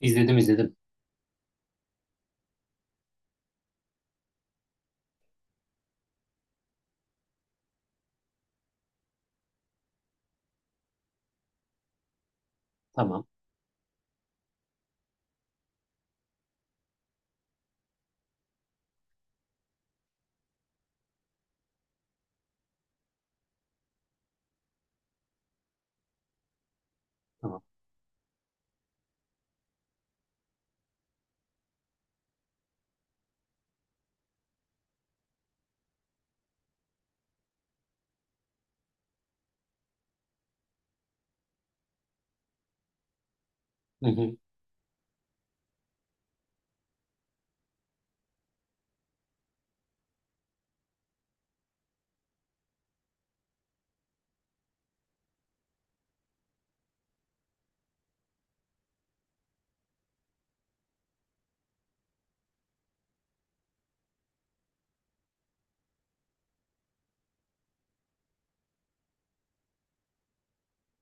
İzledim izledim. Tamam. Tamam. Hı hı.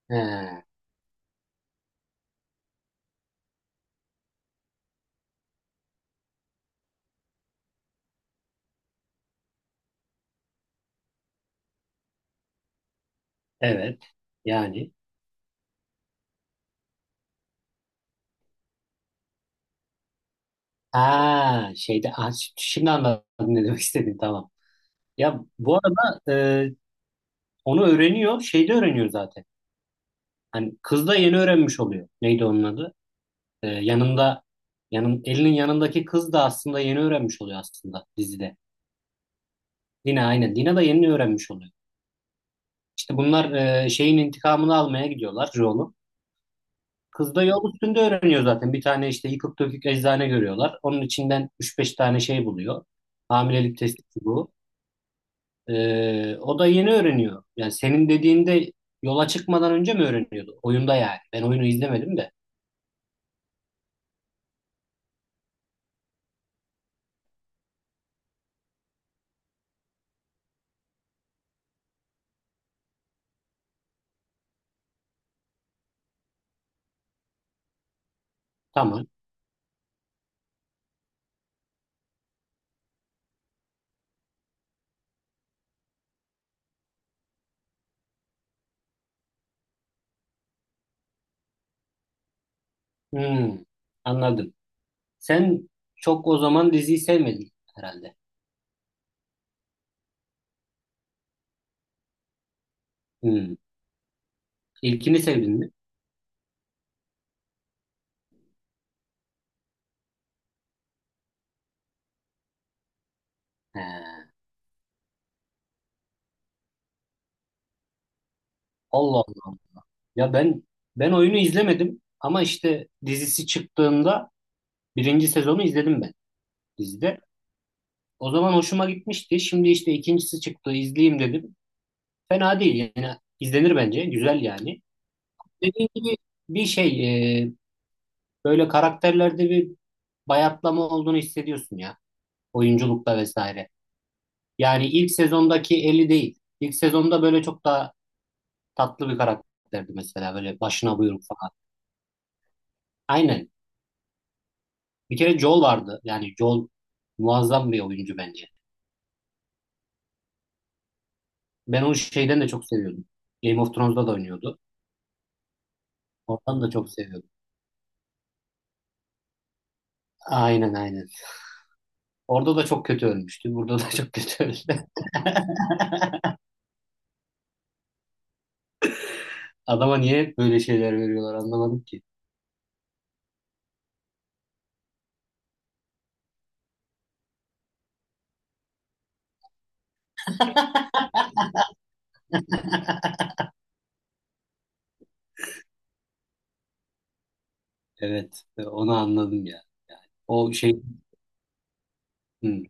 He, evet. Yani. Ha şeyde, ha, şimdi anladım ne demek istediğini. Tamam. Ya bu arada e, onu öğreniyor. Şeyde öğreniyor zaten. Hani kız da yeni öğrenmiş oluyor. Neydi onun adı? E, yanında elinin yanındaki kız da aslında yeni öğrenmiş oluyor aslında dizide. Dina, aynen. Dina da yeni öğrenmiş oluyor. İşte bunlar, şeyin intikamını almaya gidiyorlar, Joel'un. Kız da yol üstünde öğreniyor zaten. Bir tane işte yıkık dökük eczane görüyorlar. Onun içinden 3-5 tane şey buluyor. Hamilelik testi bu. O da yeni öğreniyor. Yani senin dediğinde yola çıkmadan önce mi öğreniyordu? Oyunda yani. Ben oyunu izlemedim de. Tamam. Hmm, Anladım. Sen çok o zaman diziyi sevmedin herhalde. Hmm. İlkini sevdin mi? He. Allah Allah. Ya ben oyunu izlemedim ama işte dizisi çıktığında birinci sezonu izledim ben dizide. O zaman hoşuma gitmişti. Şimdi işte ikincisi çıktı, izleyeyim dedim. Fena değil, yani izlenir bence, güzel yani. Dediğim gibi bir şey, e, böyle karakterlerde bir bayatlama olduğunu hissediyorsun ya, oyunculukta vesaire. Yani ilk sezondaki Ellie değil. İlk sezonda böyle çok daha tatlı bir karakterdi mesela, böyle başına buyruk falan. Aynen. Bir kere Joel vardı. Yani Joel muazzam bir oyuncu bence. Ben onu şeyden de çok seviyordum. Game of Thrones'da da oynuyordu. Oradan da çok seviyordum. Aynen aynen. Orada da çok kötü ölmüştü. Burada da çok kötü öldü. Adama niye hep böyle şeyler veriyorlar anlamadım ki. Evet, onu anladım ya. Yani o şey, hı,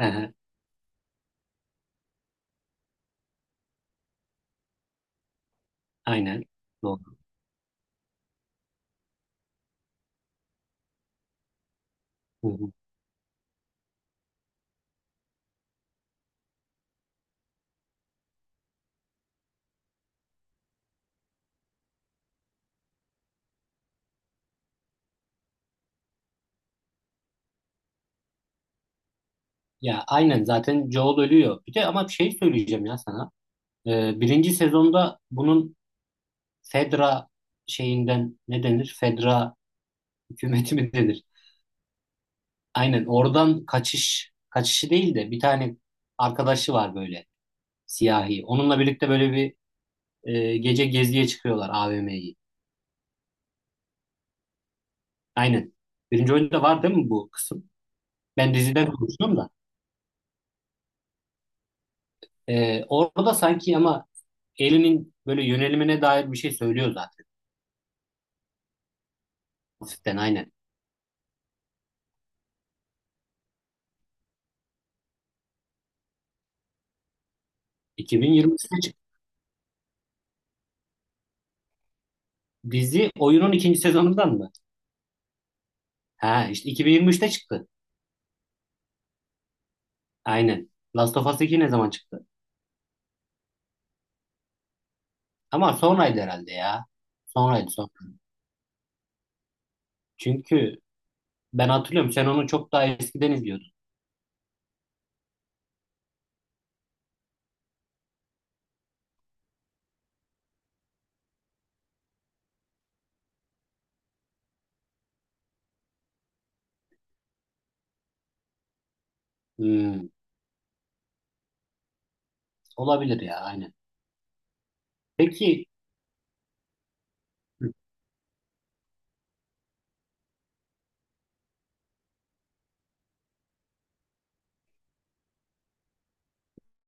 hı, aynen. Doğru. Hı hı. Ya aynen, zaten Joel ölüyor. Bir de ama bir şey söyleyeceğim ya sana. Birinci sezonda bunun Fedra şeyinden ne denir? Fedra hükümeti mi denir? Aynen, oradan kaçış, kaçışı değil de bir tane arkadaşı var böyle, siyahi. Onunla birlikte böyle bir, gece geziye çıkıyorlar, AVM'yi. Aynen. Birinci oyunda var değil mi bu kısım? Ben diziden konuşuyorum da. Orada sanki ama Ellie'nin böyle yönelimine dair bir şey söylüyor zaten. Hafiften, aynen. 2023'te çıktı. Dizi oyunun ikinci sezonundan mı? Ha işte 2023'te çıktı. Aynen. Last of Us 2 ne zaman çıktı? Ama sonraydı herhalde ya. Sonraydı, son. Çünkü ben hatırlıyorum, sen onu çok daha eskiden izliyordun. Hmm, Olabilir ya, aynen. Peki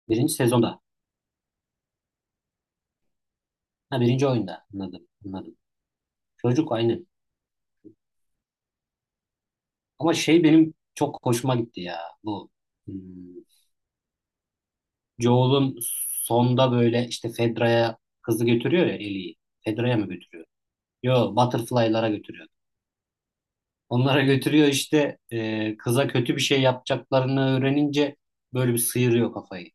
birinci sezonda Ha, birinci oyunda, anladım anladım. Çocuk aynı. Ama şey, benim çok hoşuma gitti ya bu. Hmm, Joel'un sonda böyle işte Fedra'ya kızı götürüyor ya, Ellie'yi. Fedra'ya mı götürüyor? Yo, Butterfly'lara götürüyor. Onlara götürüyor işte, kıza kötü bir şey yapacaklarını öğrenince böyle bir sıyırıyor kafayı.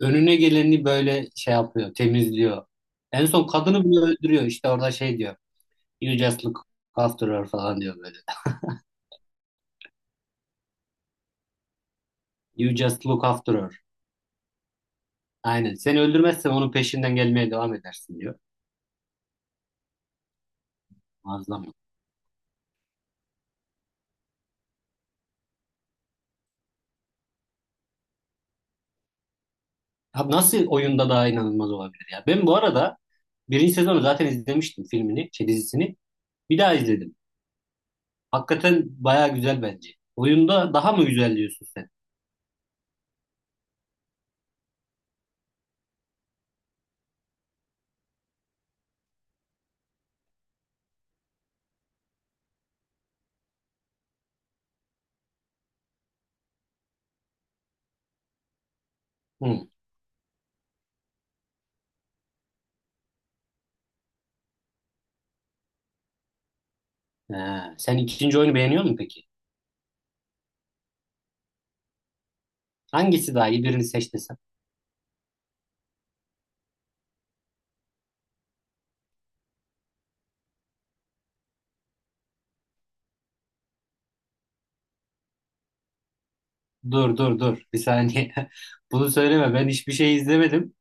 Önüne geleni böyle şey yapıyor, temizliyor. En son kadını bile öldürüyor. İşte orada şey diyor. You just look after her falan diyor böyle. You just look after her. Aynen. Seni öldürmezsem onun peşinden gelmeye devam edersin diyor. Muazzam. Abi nasıl oyunda daha inanılmaz olabilir ya? Ben bu arada birinci sezonu zaten izlemiştim, filmini, şey, dizisini. Bir daha izledim. Hakikaten baya güzel bence. Oyunda daha mı güzel diyorsun sen? Hı. Ha, sen ikinci oyunu beğeniyor musun peki? Hangisi daha iyi, birini seç desem? Dur dur dur bir saniye. Bunu söyleme, ben hiçbir şey izlemedim.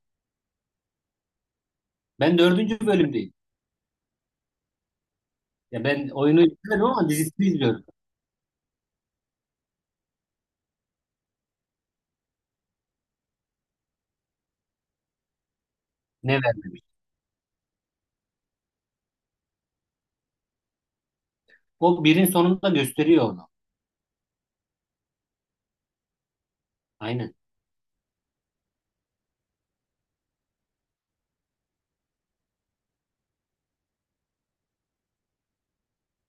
Ben dördüncü bölümdeyim. Ya ben oyunu izlemedim ama dizisini izliyorum. Ne vermemiş. O birin sonunda gösteriyor onu. Aynen.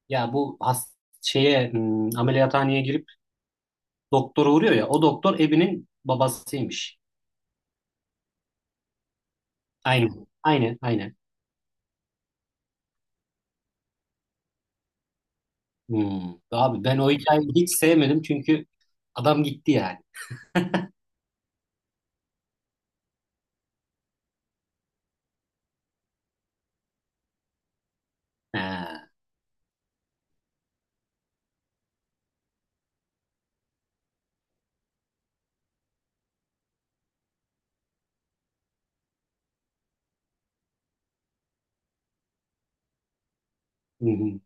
Ya bu, şeye, ameliyathaneye girip doktora uğruyor ya, o doktor Ebi'nin babasıymış. Aynen. Aynen. Aynen. Hmm. Abi ben o hikayeyi hiç sevmedim çünkü adam gitti yani. Ha. Hı hı.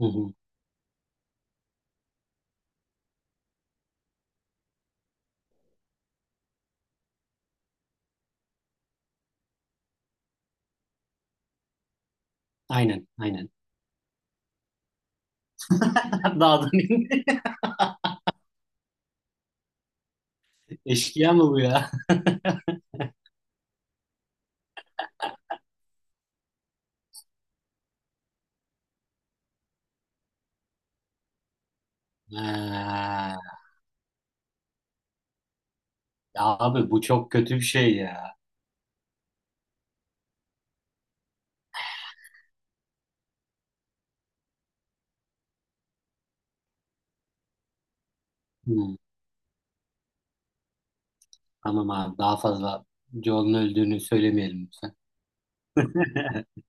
Hı hı. Aynen. Aynen. Dağdan indi. Eşkıya mı bu ya? Ha. Ya abi bu çok kötü bir şey ya. Hmm. Tamam abi, daha fazla Joel'un öldüğünü söylemeyelim lütfen.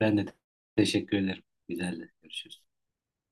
Ben de teşekkür ederim. Güzel de görüşürüz.